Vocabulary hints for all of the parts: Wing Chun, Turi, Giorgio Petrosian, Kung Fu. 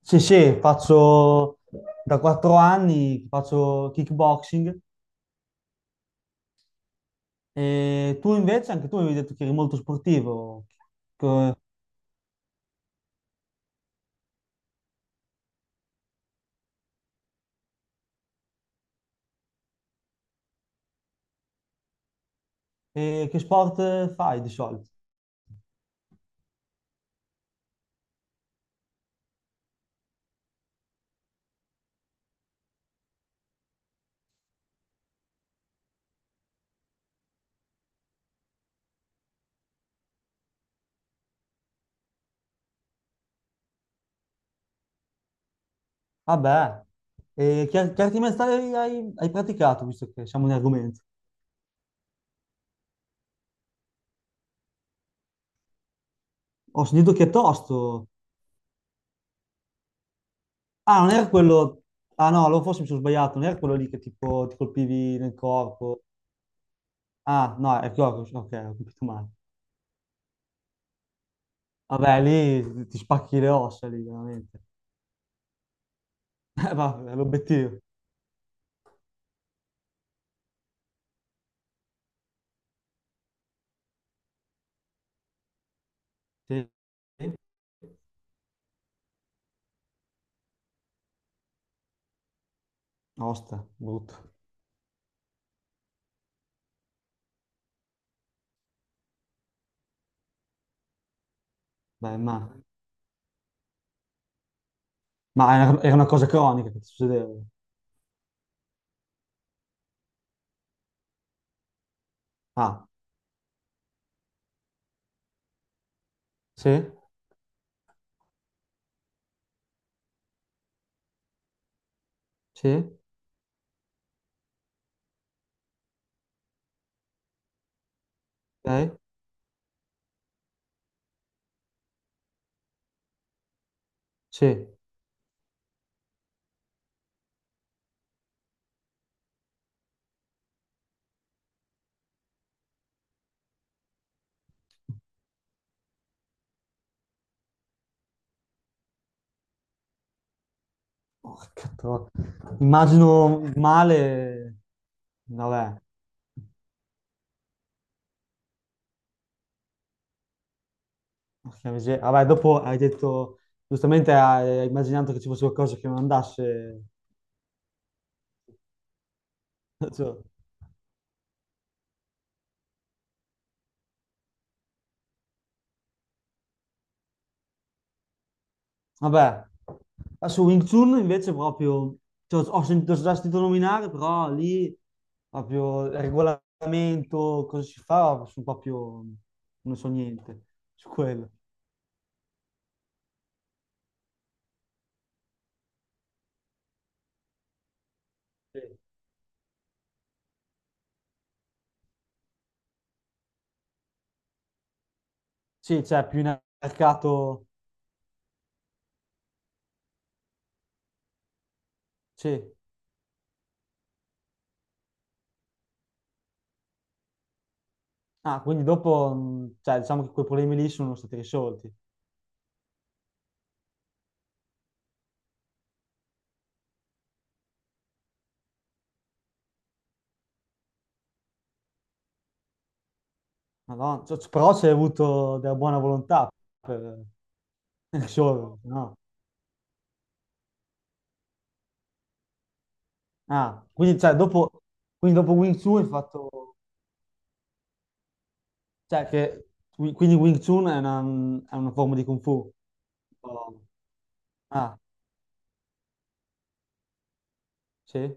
Sì, sì, faccio da 4 anni, faccio kickboxing. E tu invece, anche tu mi hai detto che eri molto sportivo. Co- E che sport fai di solito? Vabbè, e che arti marziali hai praticato, visto che siamo in argomento? Ho sentito che è tosto. Ah, non era quello. Ah no, allora forse mi sono sbagliato, non era quello lì che tipo ti colpivi nel corpo. Ah, no, è il corpo, ok, ho capito male. Vabbè, lì ti spacchi le ossa, lì, veramente. Vabbè, l'obiettivo. Sì. Sì. Osta, brutto. Beh, ma era una cosa cronica che ti succedeva. Ah, sì? Sì? Ok? Sì. Porca tro- Immagino male. Vabbè. Porca miseria. Vabbè, dopo hai detto, giustamente hai immaginato che ci fosse qualcosa che non andasse. Cioè. Vabbè. Su Wing Chun invece proprio, cioè, ho già sentito nominare, però lì proprio il regolamento, cosa si fa, sono proprio, non so niente su quello. Sì. Sì, c'è più in mercato, sì. Ah, quindi dopo, cioè, diciamo che quei problemi lì sono stati risolti. Madonna, cioè, però c'è avuto della buona volontà per risolverli, no? Ah, quindi, cioè, dopo, quindi dopo Wing Chun hai fatto. Cioè, che, quindi Wing Chun è una forma di Kung Fu. Oh. Ah, sì,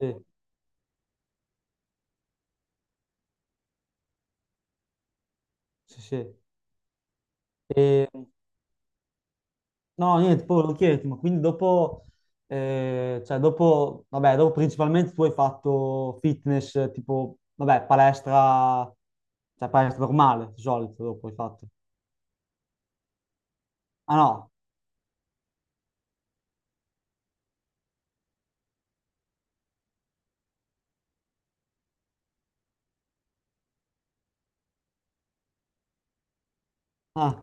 sì, sì, sì. E, no, niente, poi volevo chiederti, ma quindi dopo, cioè dopo, vabbè, dopo principalmente tu hai fatto fitness, tipo, vabbè, palestra, cioè palestra normale, di solito dopo hai fatto. Ah no, ah.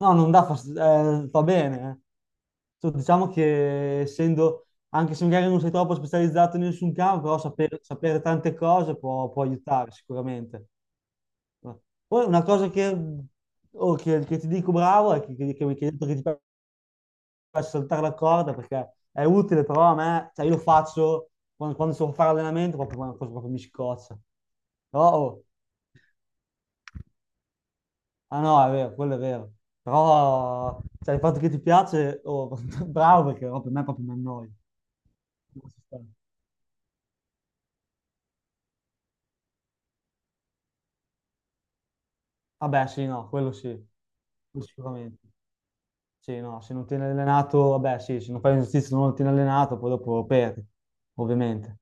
No, non dà fastidio, va bene. Cioè, diciamo che essendo, anche se magari non sei troppo specializzato in nessun campo, però sapere, tante cose può aiutare sicuramente. Poi una cosa che, oh, che ti dico bravo è che mi hai detto che ti piace saltare la corda perché è utile, però a me, cioè io lo faccio quando so fare allenamento, proprio, proprio mi scoccia. Però, oh. Ah no, è vero, quello è vero. Però, cioè, il fatto che ti piace, oh, bravo, perché no, per me proprio mi annoia. Non ci sta. Vabbè, sì, no, quello sì, quello sicuramente. Sì, no, se non tieni allenato, vabbè, sì, se non fai un esercizio non lo tieni allenato, poi dopo perdi, ovviamente.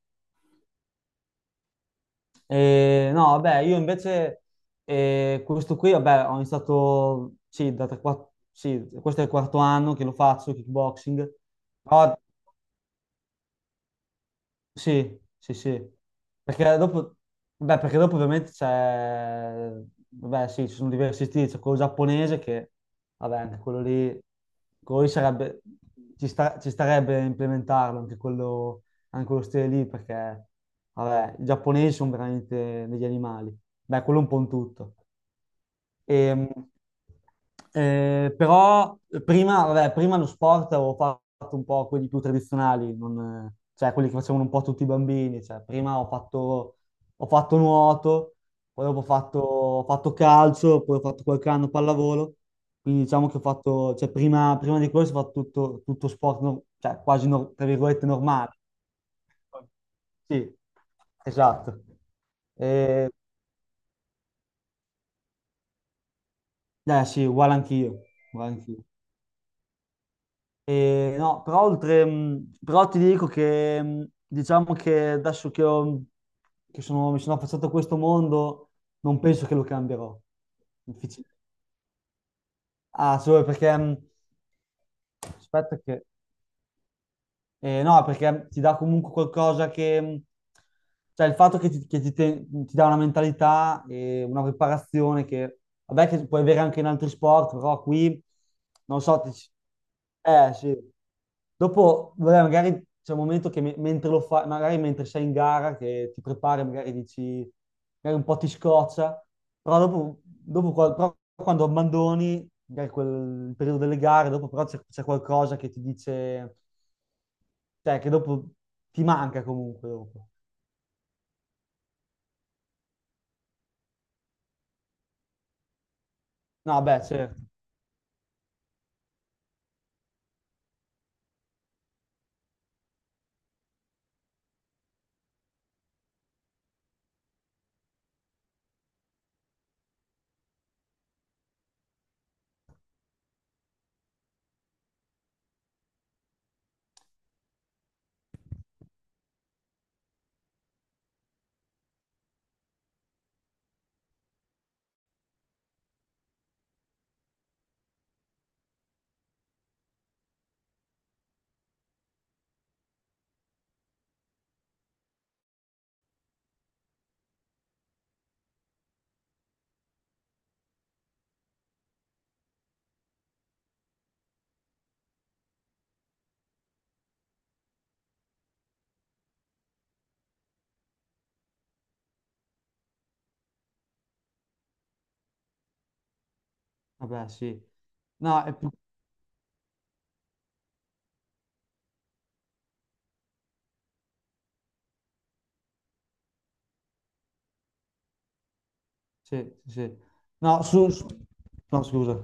E, no, vabbè, io invece, questo qui, vabbè, ho iniziato, sì, sì, questo è il quarto anno che lo faccio, kickboxing, però Sì, sì, sì. Perché dopo, perché dopo ovviamente c'è, vabbè, sì, ci sono diversi stili, c'è quello giapponese che, vabbè, anche quello lì sarebbe, ci starebbe a implementarlo, anche quello stile lì, perché, vabbè, i giapponesi sono veramente degli animali. Beh, quello è un po' in tutto. E, però prima, vabbè, prima lo sport avevo fatto un po' quelli più tradizionali, non, cioè quelli che facevano un po' tutti i bambini. Cioè, prima ho fatto nuoto, poi dopo ho fatto calcio, poi ho fatto qualche anno pallavolo. Quindi diciamo che ho fatto, cioè prima di questo ho fatto tutto sport, cioè quasi, tra virgolette, normale. Sì, esatto. E, eh sì, uguale anch'io. E no, però oltre, però ti dico che diciamo che adesso che, mi sono affacciato a questo mondo, non penso che lo cambierò. Difficile. Ah, solo perché aspetta che no, perché ti dà comunque qualcosa che. Cioè il fatto che ti dà una mentalità e una preparazione che. Vabbè che puoi avere anche in altri sport, però qui, non so, eh sì. Dopo, vabbè, magari c'è un momento che mentre lo fai, magari mentre sei in gara, che ti prepari, magari dici, magari un po' ti scoccia, però dopo, però quando abbandoni, magari quel il periodo delle gare, dopo però c'è qualcosa che ti dice. Cioè, che dopo ti manca comunque dopo. No, beh, certo. Vabbè, sì. No, è più. Sì, sì, sì. No. No, scusa.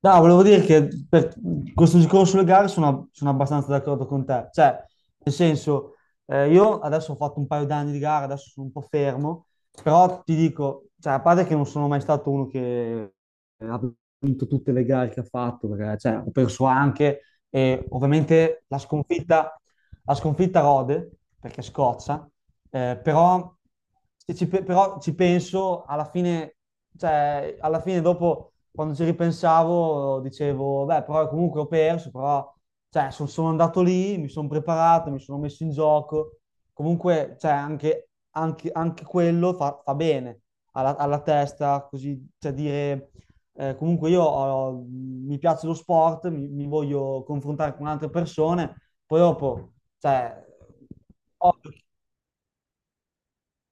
No, volevo dire che per questo discorso sulle gare sono abbastanza d'accordo con te. Cioè, nel senso, io adesso ho fatto un paio d'anni di gara, adesso sono un po' fermo, però ti dico, cioè, a parte che non sono mai stato uno che ha vinto tutte le gare che ha fatto, perché cioè, ho perso anche, e ovviamente la sconfitta. Ha sconfitta Rode perché scoccia, però, se ci, pe- però ci penso alla fine, cioè, alla fine dopo quando ci ripensavo dicevo, beh, però comunque ho perso, però cioè, sono andato lì, mi sono preparato, mi sono messo in gioco, comunque cioè, anche quello fa bene alla testa, così, cioè dire, comunque io mi piace lo sport, mi voglio confrontare con altre persone poi dopo, cioè, ovvio.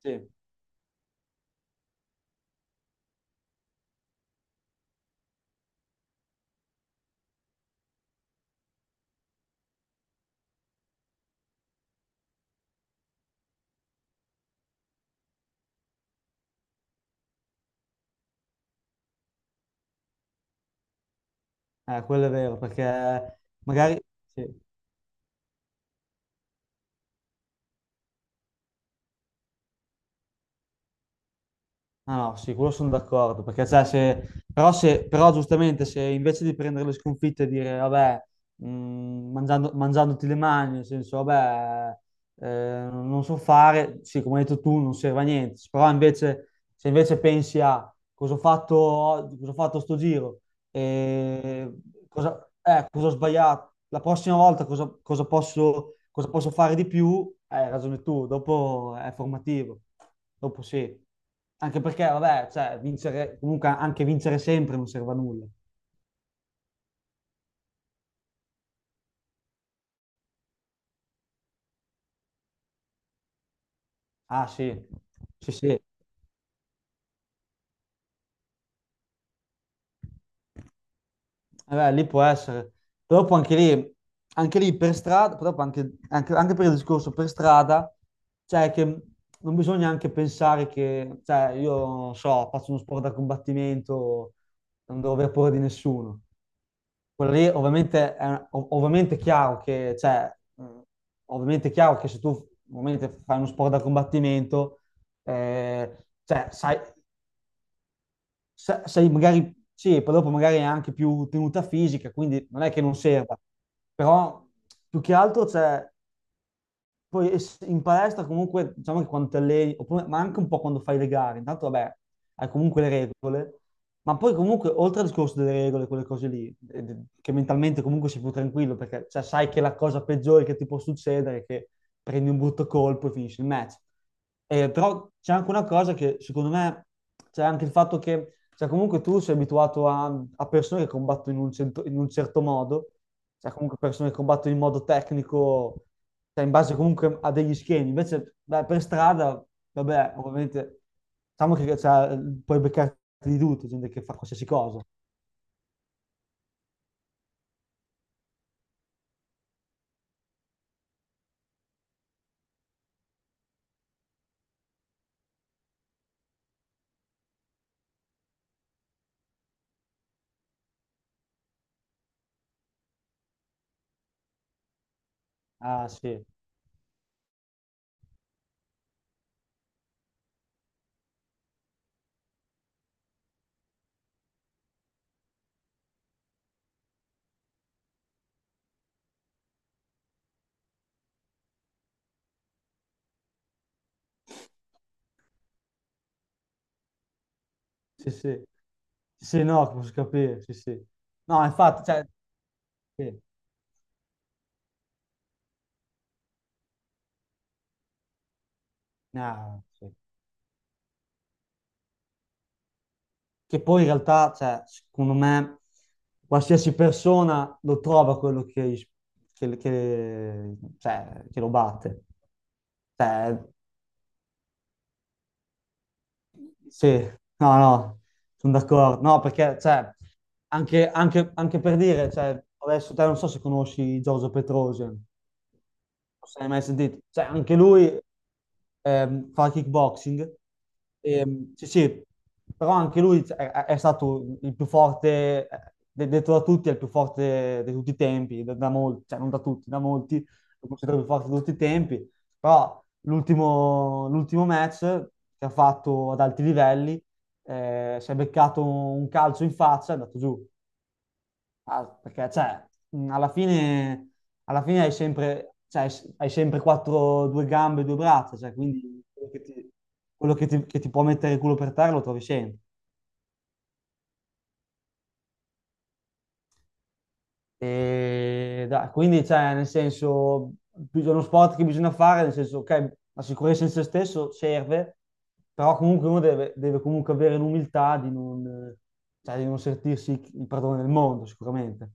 Sì. Quello è vero, perché magari. Sì. Ah no, sì, quello sono d'accordo, perché cioè, se. Però, se. Però giustamente se invece di prendere le sconfitte e dire, vabbè, mh, mangiandoti le mani, nel senso, vabbè, non so fare, sì, come hai detto tu, non serve a niente, però invece, se invece pensi a cosa ho fatto oggi, cosa ho fatto sto giro, e cosa ho sbagliato, la prossima volta cosa posso fare di più, hai ragione tu, dopo è formativo, dopo sì. Anche perché, vabbè, cioè, vincere, comunque anche vincere sempre non serve a nulla. Ah sì, sì, sì. Eh beh, lì può essere. Però poi anche lì per strada, proprio anche per il discorso per strada, cioè che non bisogna anche pensare che, cioè io non so, faccio uno sport da combattimento, non devo aver paura di nessuno. Quello lì ovviamente è chiaro che, cioè, ovviamente è chiaro che se tu ovviamente fai uno sport da combattimento, eh, cioè, sai, sei magari, sì, poi dopo magari è anche più tenuta fisica, quindi non è che non serva, però più che altro c'è poi in palestra comunque, diciamo che quando ti alleni, ma anche un po' quando fai le gare, intanto vabbè, hai comunque le regole, ma poi comunque oltre al discorso delle regole, quelle cose lì, che mentalmente comunque sei più tranquillo, perché cioè, sai che la cosa peggiore che ti può succedere è che prendi un brutto colpo e finisci il match. Però c'è anche una cosa che secondo me c'è anche il fatto che cioè, comunque tu sei abituato a persone che combattono in un certo modo, cioè comunque persone che combattono in modo tecnico cioè in base comunque a degli schemi. Invece beh, per strada, vabbè, ovviamente, diciamo che cioè, puoi beccarti di tutto, gente che fa qualsiasi cosa. Ah, sì, sì, sì. Sì, sì, no, posso capire, sì, sì. No, infatti, cioè, sì. No, sì. Che poi in realtà, cioè, secondo me, qualsiasi persona lo trova quello cioè, che lo batte. Cioè. Sì, no, no, sono d'accordo. No, perché, cioè, anche per dire, cioè, adesso te non so se conosci Giorgio Petrosian, non so se l'hai mai sentito. Cioè, anche lui fa kickboxing. Sì, sì, però anche lui è stato il più forte, detto da tutti, è il più forte di tutti i tempi, da molti, cioè non da tutti, da molti, lo considero il più forte di tutti i tempi, però l'ultimo match che ha fatto ad alti livelli, si è beccato un calcio in faccia, è andato giù. Ah, perché, cioè, mh, alla fine, alla fine hai sempre, cioè, hai sempre due gambe e due braccia, cioè, quindi quello che ti può mettere il culo per terra lo trovi sempre. Quindi, cioè, nel senso, è uno sport che bisogna fare, nel senso, ok, la sicurezza in se stesso serve, però comunque uno deve comunque avere l'umiltà di non sentirsi il padrone del mondo, sicuramente.